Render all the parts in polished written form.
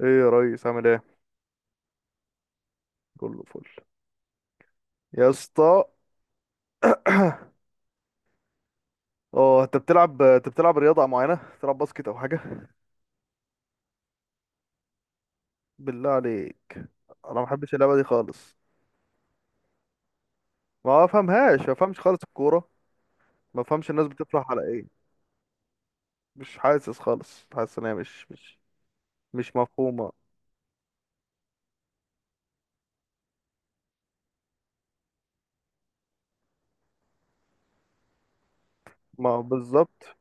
ايه يا ريس، عامل ايه؟ كله فل يا اسطى. اه انت بتلعب، رياضه معينه؟ بتلعب باسكت او حاجه؟ بالله عليك. انا ما بحبش اللعبه دي خالص. ما بفهمش خالص الكوره. ما بفهمش الناس بتفرح على ايه. مش حاسس خالص، حاسس ان هي مش مفهومه. ما بالظبط.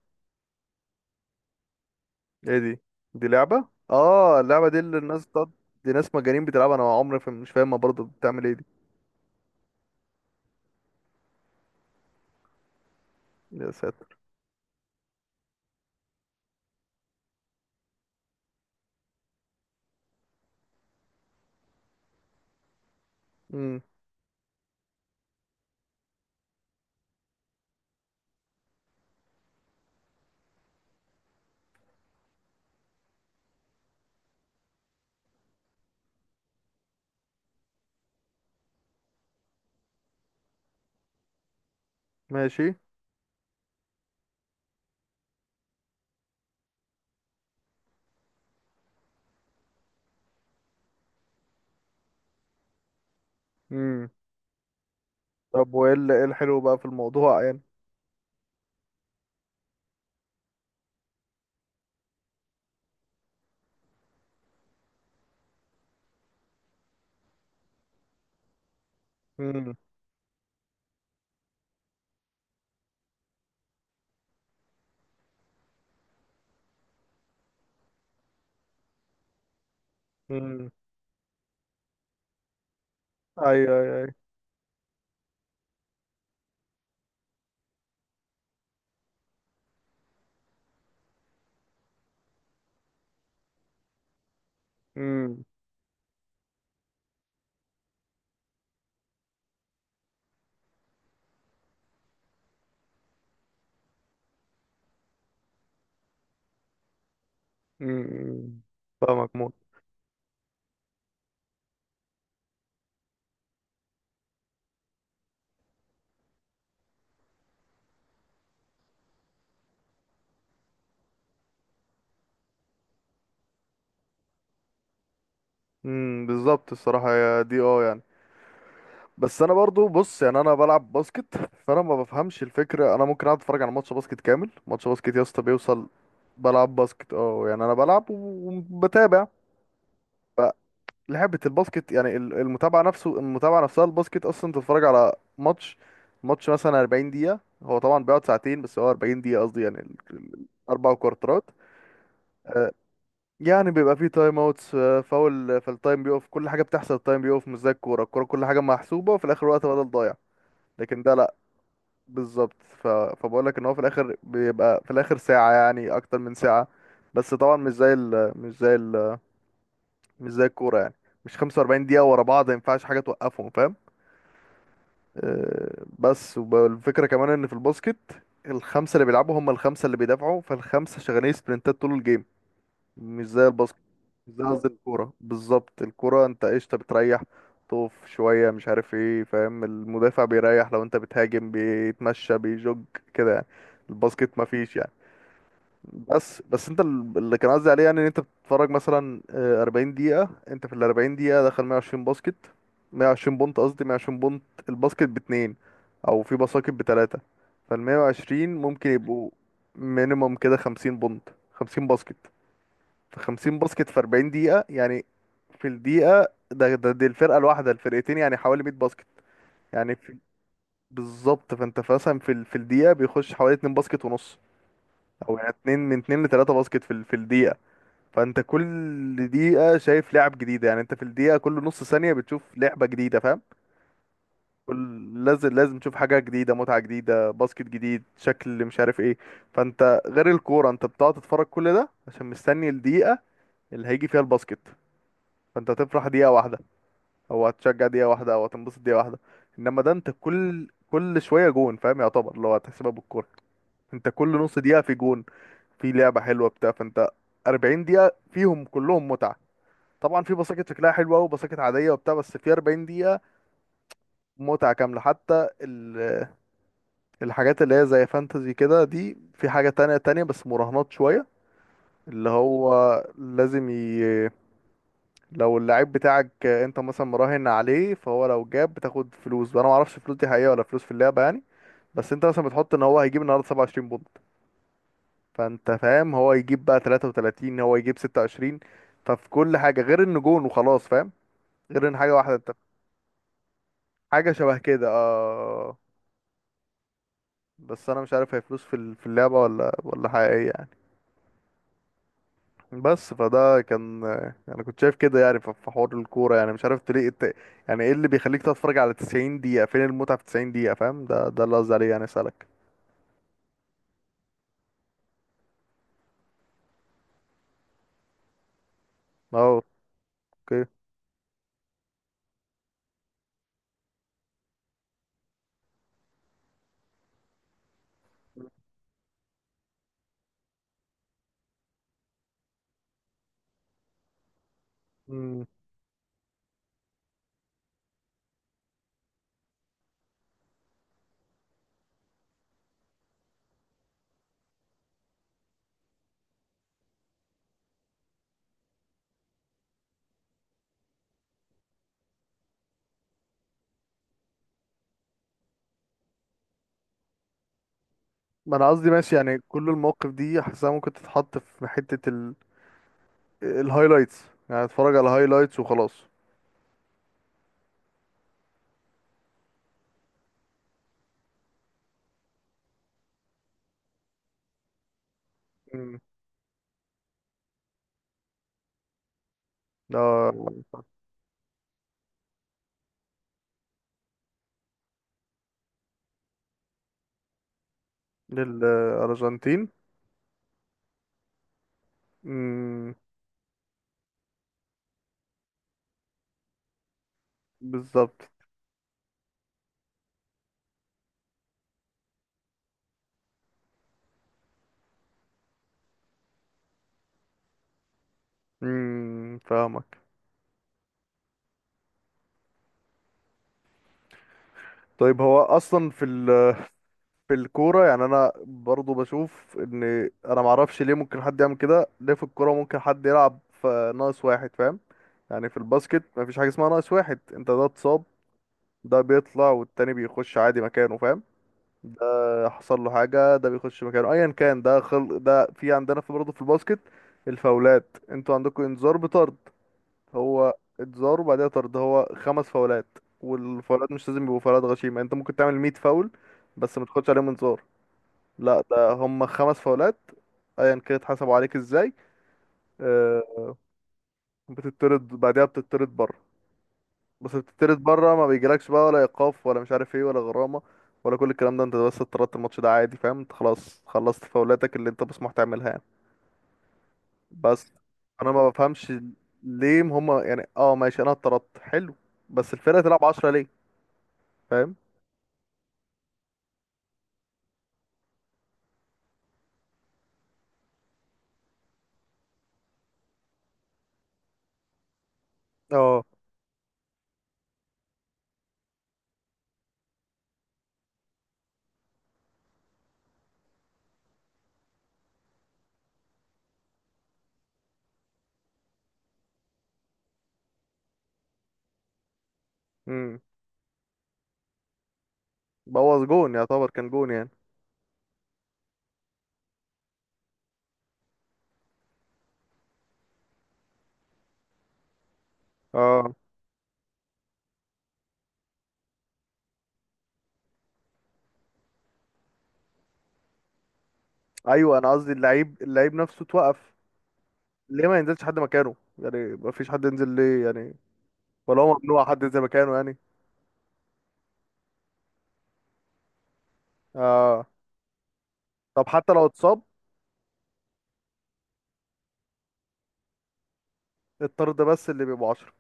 ايه دي؟ دي لعبه؟ اه اللعبه دي اللي الناس بتقعد، دي ناس مجانين بتلعبها. انا عمري مش فاهمها، برضه بتعمل ايه دي؟ يا ساتر. امم. ماشي. امم. طب إيه الحلو بقى في الموضوع يعني؟ امم. امم. ايوه، ايوه، ايوه. امم. امم. فاهمك موت. امم، بالظبط الصراحه، يا دي اه يعني. بس انا برضو بص، يعني انا بلعب باسكت، فانا ما بفهمش الفكره. انا ممكن اقعد اتفرج على ماتش باسكت كامل، ماتش باسكت يا اسطى بيوصل. بلعب باسكت اه، يعني انا بلعب وبتابع. فلعبه الباسكت يعني المتابعه نفسه، المتابعه نفسها الباسكت اصلا. تتفرج على ماتش مثلا 40 دقيقه، هو طبعا بيقعد ساعتين، بس هو 40 دقيقه قصدي، يعني اربع كوارترات. يعني بيبقى فيه تايم اوتس، فاول فالتايم بيقف، كل حاجه بتحصل التايم بيقف. مش زي الكوره، الكوره كل حاجه محسوبه وفي الاخر وقت بدل ضايع. لكن ده لا، بالظبط. فبقول لك ان هو في الاخر بيبقى، في الاخر ساعه يعني، اكتر من ساعه. بس طبعا مش زي الكوره يعني. مش 45 دقيقه ورا بعض، ما ينفعش حاجه توقفهم فاهم. أه بس والفكره كمان ان في الباسكت الخمسه اللي بيلعبوا هم الخمسه اللي بيدافعوا، فالخمسه شغالين سبرنتات طول الجيم. مش زي الباسكت، مش زي قصدي الكورة بالظبط. الكورة انت قشطة، بتريح، تقف شوية، مش عارف ايه فاهم. المدافع بيريح، لو انت بتهاجم بيتمشى بيجوج كده يعني. الباسكت مفيش يعني. بس انت اللي كان قصدي عليه يعني ان انت بتتفرج مثلا 40 دقيقة. انت في ال 40 دقيقة دخل 120 باسكت، 120 بونت قصدي، 120 بونت. الباسكت باتنين، او في باسكت بتلاتة. فال 120 ممكن يبقوا مينيموم كده 50 بونت، 50 باسكت. في 50 باسكت في 40 دقيقة يعني. في الدقيقة ده, ده دي الفرقة الواحدة، الفرقتين يعني حوالي 100 باسكت يعني. في بالظبط فانت مثلا في في الدقيقة بيخش حوالي 2 باسكت ونص، او يعني 2 من 2 ل 3 باسكت في في الدقيقة. فانت كل دقيقة شايف لعب جديدة، يعني انت في الدقيقة كل نص ثانية بتشوف لعبة جديدة فاهم. لازم لازم تشوف حاجة جديدة، متعة جديدة، باسكت جديد، شكل مش عارف ايه. فانت غير الكورة، انت بتقعد تتفرج كل ده عشان مستني الدقيقة اللي هيجي فيها الباسكت. فانت هتفرح دقيقة واحدة، هو هتشجع دقيقة واحدة، او هتنبسط دقيقة واحدة. انما ده انت كل شوية جون فاهم، يعتبر اللي هو هتحسبها بالكورة. انت كل نص دقيقة في جون، في لعبة حلوة بتاع. فانت 40 دقيقة فيهم كلهم متعة، طبعا في بساكت شكلها حلوة وبساكت عادية وبتاع، بس في 40 دقيقة متعة كاملة. حتى الحاجات اللي هي زي فانتزي كده، دي في حاجة تانية تانية، بس مراهنات شوية. اللي هو لازم لو اللعيب بتاعك انت مثلا مراهن عليه، فهو لو جاب بتاخد فلوس. وانا ما اعرفش الفلوس دي حقيقه ولا فلوس في اللعبه يعني. بس انت مثلا بتحط ان هو هيجيب النهارده 27 بونت، فانت فاهم هو يجيب بقى 33، هو يجيب 26. ففي كل حاجه غير ان جون وخلاص فاهم، غير ان حاجه واحده انت. حاجه شبه كده اه. بس انا مش عارف هي فلوس في في اللعبه ولا حقيقيه يعني. بس فده كان، انا كنت شايف كده يعني، في حوار الكوره يعني، مش عارف ليه يعني ايه اللي بيخليك تتفرج على 90 دقيقه؟ فين المتعه في 90 دقيقه فاهم؟ ده اللي قصدي عليه يعني، اسالك. اه. اوكي. امم. ما انا قصدي ماشي يعني. كل المواقف دي حاسسها ممكن تتحط في حته الهايلايتس. يعني اتفرج على الهايلايتس وخلاص. امم. ده للارجنتين. امم، بالظبط. امم. فاهمك. طيب هو اصلا في في الكورة يعني، أنا برضو بشوف إن أنا معرفش ليه ممكن حد يعمل كده، ليه في الكورة ممكن حد يلعب في ناقص واحد فاهم؟ يعني في الباسكت مفيش حاجة اسمها ناقص واحد. أنت ده اتصاب، ده بيطلع والتاني بيخش عادي مكانه فاهم. ده حصل له حاجة، ده بيخش مكانه أيا كان ده. خل ده، في عندنا في برضه في الباسكت الفاولات، أنتوا عندكم إنذار بطرد. هو إنذار وبعدها طرد، هو خمس فاولات. والفاولات مش لازم يبقوا فاولات غشيمة، أنت ممكن تعمل 100 فاول بس ما تاخدش عليهم انذار. لا، ده هم خمس فاولات ايا كانت اتحسبوا عليك ازاي. آه، بتطرد، بعدها بتطرد بره. بس بتطرد بره ما بيجيلكش بقى ولا ايقاف ولا مش عارف ايه ولا غرامه ولا كل الكلام ده. انت بس اتطردت الماتش ده عادي فاهم، انت خلاص خلصت فاولاتك اللي انت مسموح تعملها يعني. بس انا ما بفهمش ليه هم يعني. اه ماشي، انا اتطردت حلو، بس الفرقه تلعب 10 ليه فاهم؟ اه. امم. بوظ جون، يعتبر كان جون يعني. اه، ايوه، انا قصدي اللعيب، نفسه اتوقف ليه ما ينزلش حد مكانه يعني؟ ما فيش حد ينزل ليه يعني؟ ولا هو ممنوع حد ينزل مكانه يعني؟ آه. طب حتى لو اتصاب. الطرد بس اللي بيبقوا عشرة.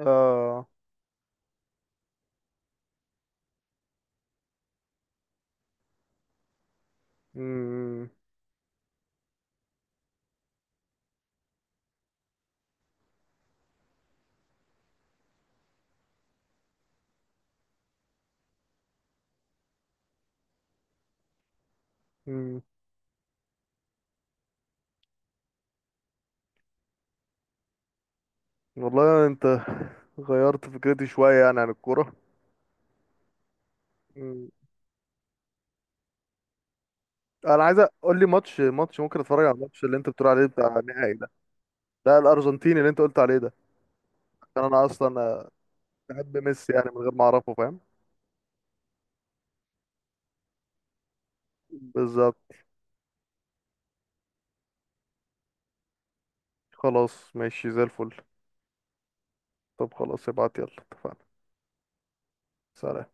آه. مم. مم. والله انت غيرت فكرتي شوية يعني عن الكورة. مم. انا عايز اقول لي ماتش، ممكن اتفرج على الماتش اللي انت بتقول عليه بتاع النهائي ده. لا الارجنتيني اللي انت قلت عليه ده. عشان انا اصلا بحب ميسي، يعني من غير ما اعرفه فاهم. بالظبط. خلاص ماشي زي الفل. طب خلاص ابعت، يلا اتفقنا. سلام.